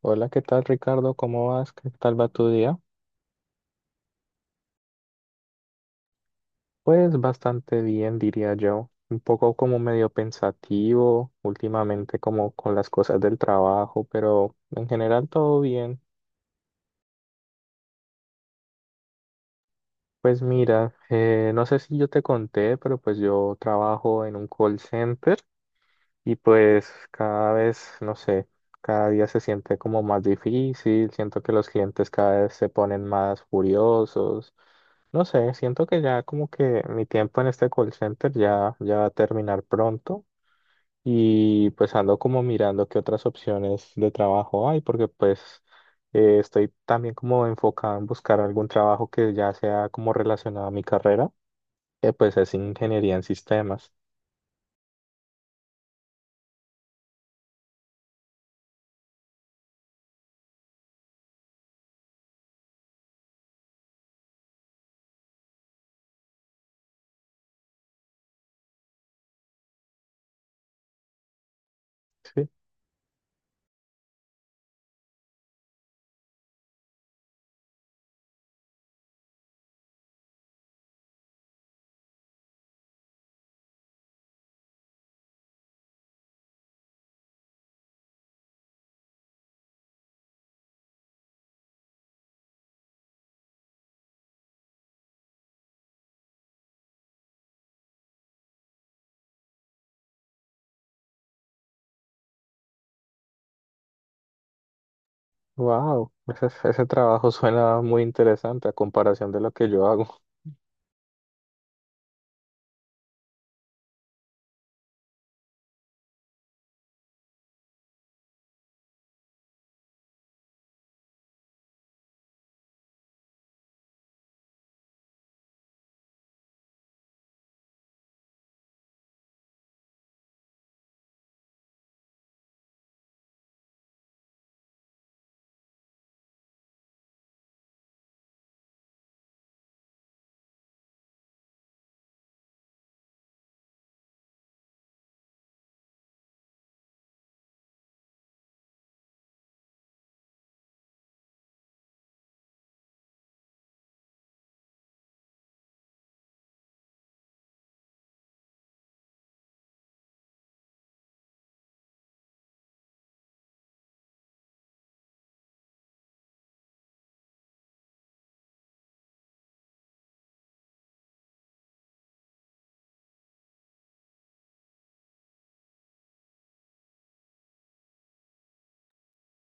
Hola, ¿qué tal, Ricardo? ¿Cómo vas? ¿Qué tal va tu día? Pues bastante bien, diría yo. Un poco como medio pensativo últimamente, como con las cosas del trabajo, pero en general todo bien. Pues mira, no sé si yo te conté, pero pues yo trabajo en un call center. Y pues cada vez, no sé, cada día se siente como más difícil, siento que los clientes cada vez se ponen más furiosos, no sé, siento que ya como que mi tiempo en este call center ya, ya va a terminar pronto y pues ando como mirando qué otras opciones de trabajo hay, porque pues estoy también como enfocado en buscar algún trabajo que ya sea como relacionado a mi carrera, que pues es ingeniería en sistemas. ¿Sí? Wow, ese trabajo suena muy interesante a comparación de lo que yo hago.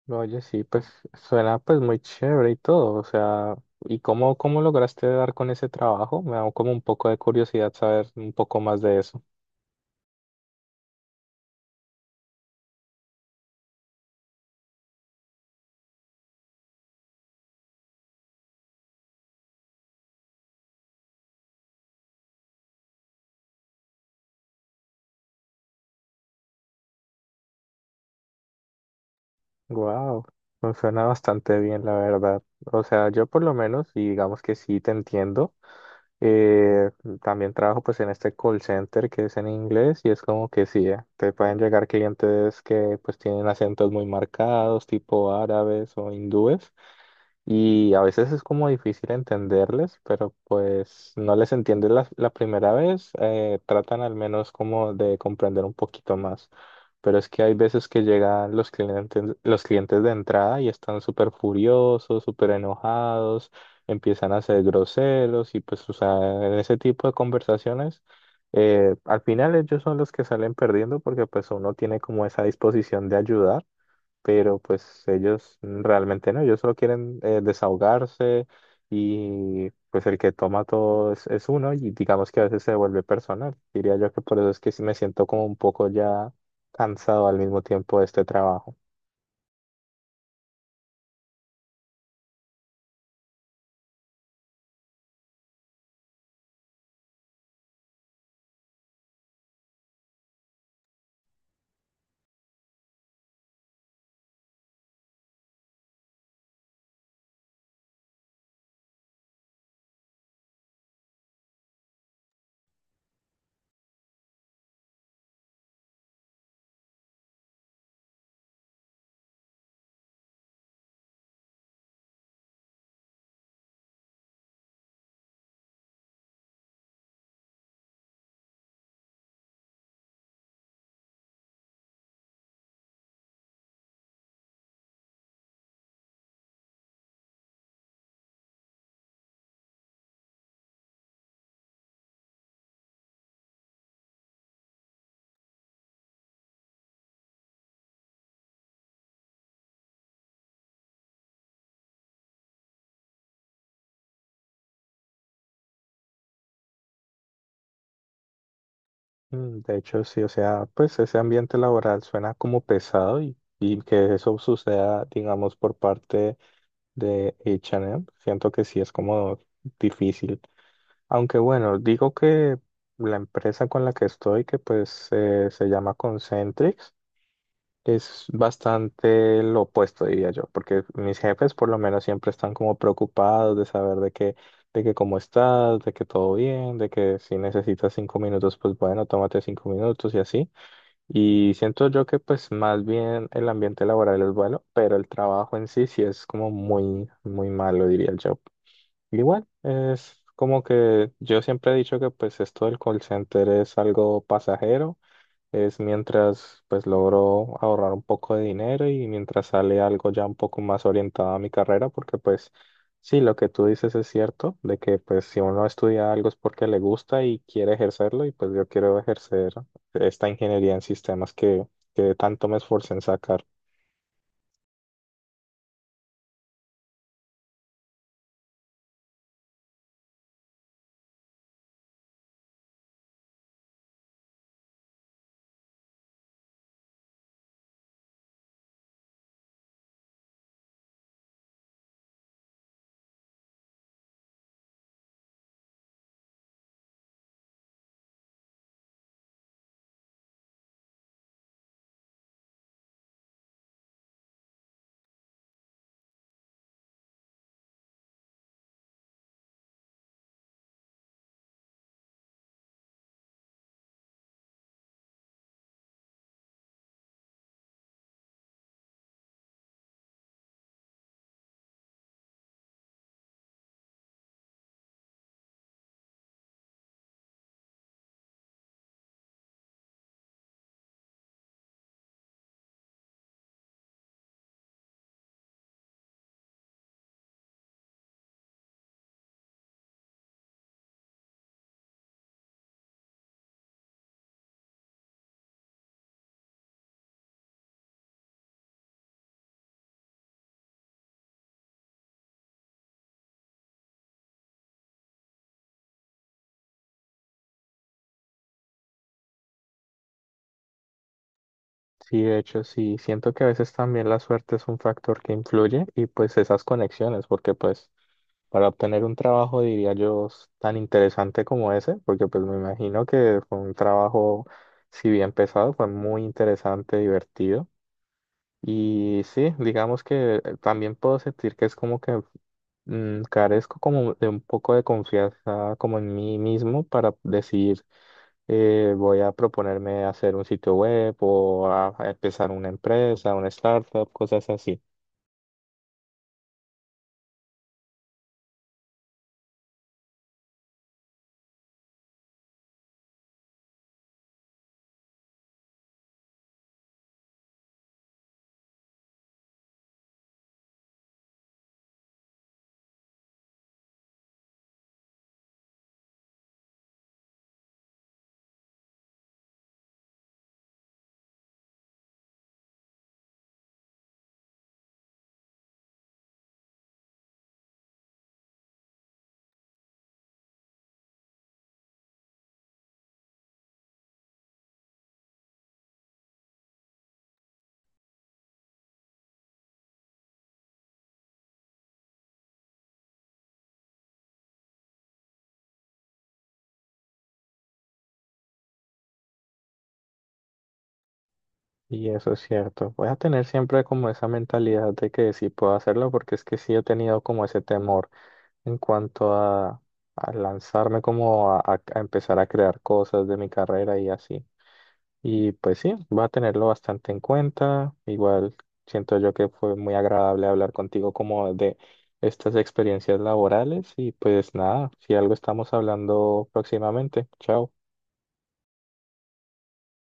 No, oye, sí, pues suena pues muy chévere y todo, o sea, ¿y cómo lograste dar con ese trabajo? Me da como un poco de curiosidad saber un poco más de eso. Wow, suena bastante bien, la verdad. O sea, yo por lo menos, y digamos que sí te entiendo. Eh, También trabajo pues en este call center que es en inglés y es como que sí, te pueden llegar clientes que pues tienen acentos muy marcados, tipo árabes o hindúes. Y a veces es como difícil entenderles, pero pues no les entiendes la primera vez, tratan al menos como de comprender un poquito más. Pero es que hay veces que llegan los clientes de entrada y están súper furiosos, súper enojados, empiezan a ser groseros y pues, o sea, en ese tipo de conversaciones, al final ellos son los que salen perdiendo porque pues uno tiene como esa disposición de ayudar, pero pues ellos realmente no, ellos solo quieren, desahogarse, y pues el que toma todo es uno, y digamos que a veces se vuelve personal. Diría yo que por eso es que sí me siento como un poco ya cansado al mismo tiempo de este trabajo. De hecho, sí, o sea, pues ese ambiente laboral suena como pesado y que eso suceda, digamos, por parte de H&M, siento que sí es como difícil. Aunque bueno, digo que la empresa con la que estoy, que pues se llama Concentrix, es bastante lo opuesto, diría yo, porque mis jefes por lo menos siempre están como preocupados de saber de que, cómo estás, de que todo bien, de que si necesitas 5 minutos, pues bueno, tómate 5 minutos y así. Y siento yo que pues más bien el ambiente laboral es bueno, pero el trabajo en sí sí es como muy, muy malo, diría yo. Igual, es como que yo siempre he dicho que pues esto del call center es algo pasajero, es mientras pues logro ahorrar un poco de dinero y mientras sale algo ya un poco más orientado a mi carrera, porque pues sí, lo que tú dices es cierto, de que pues si uno estudia algo es porque le gusta y quiere ejercerlo, y pues yo quiero ejercer esta ingeniería en sistemas que tanto me esforcé en sacar. Sí, de hecho, sí, siento que a veces también la suerte es un factor que influye, y pues esas conexiones, porque pues para obtener un trabajo, diría yo, tan interesante como ese, porque pues me imagino que fue un trabajo, si bien pesado, fue muy interesante, divertido. Y sí, digamos que también puedo sentir que es como que, carezco como de un poco de confianza como en mí mismo para decidir, voy a proponerme hacer un sitio web o a empezar una empresa, una startup, cosas así. Y eso es cierto. Voy a tener siempre como esa mentalidad de que sí puedo hacerlo, porque es que sí he tenido como ese temor en cuanto a lanzarme, como a empezar a crear cosas de mi carrera y así. Y pues sí, va a tenerlo bastante en cuenta. Igual siento yo que fue muy agradable hablar contigo como de estas experiencias laborales y pues nada, si algo estamos hablando próximamente. Chao.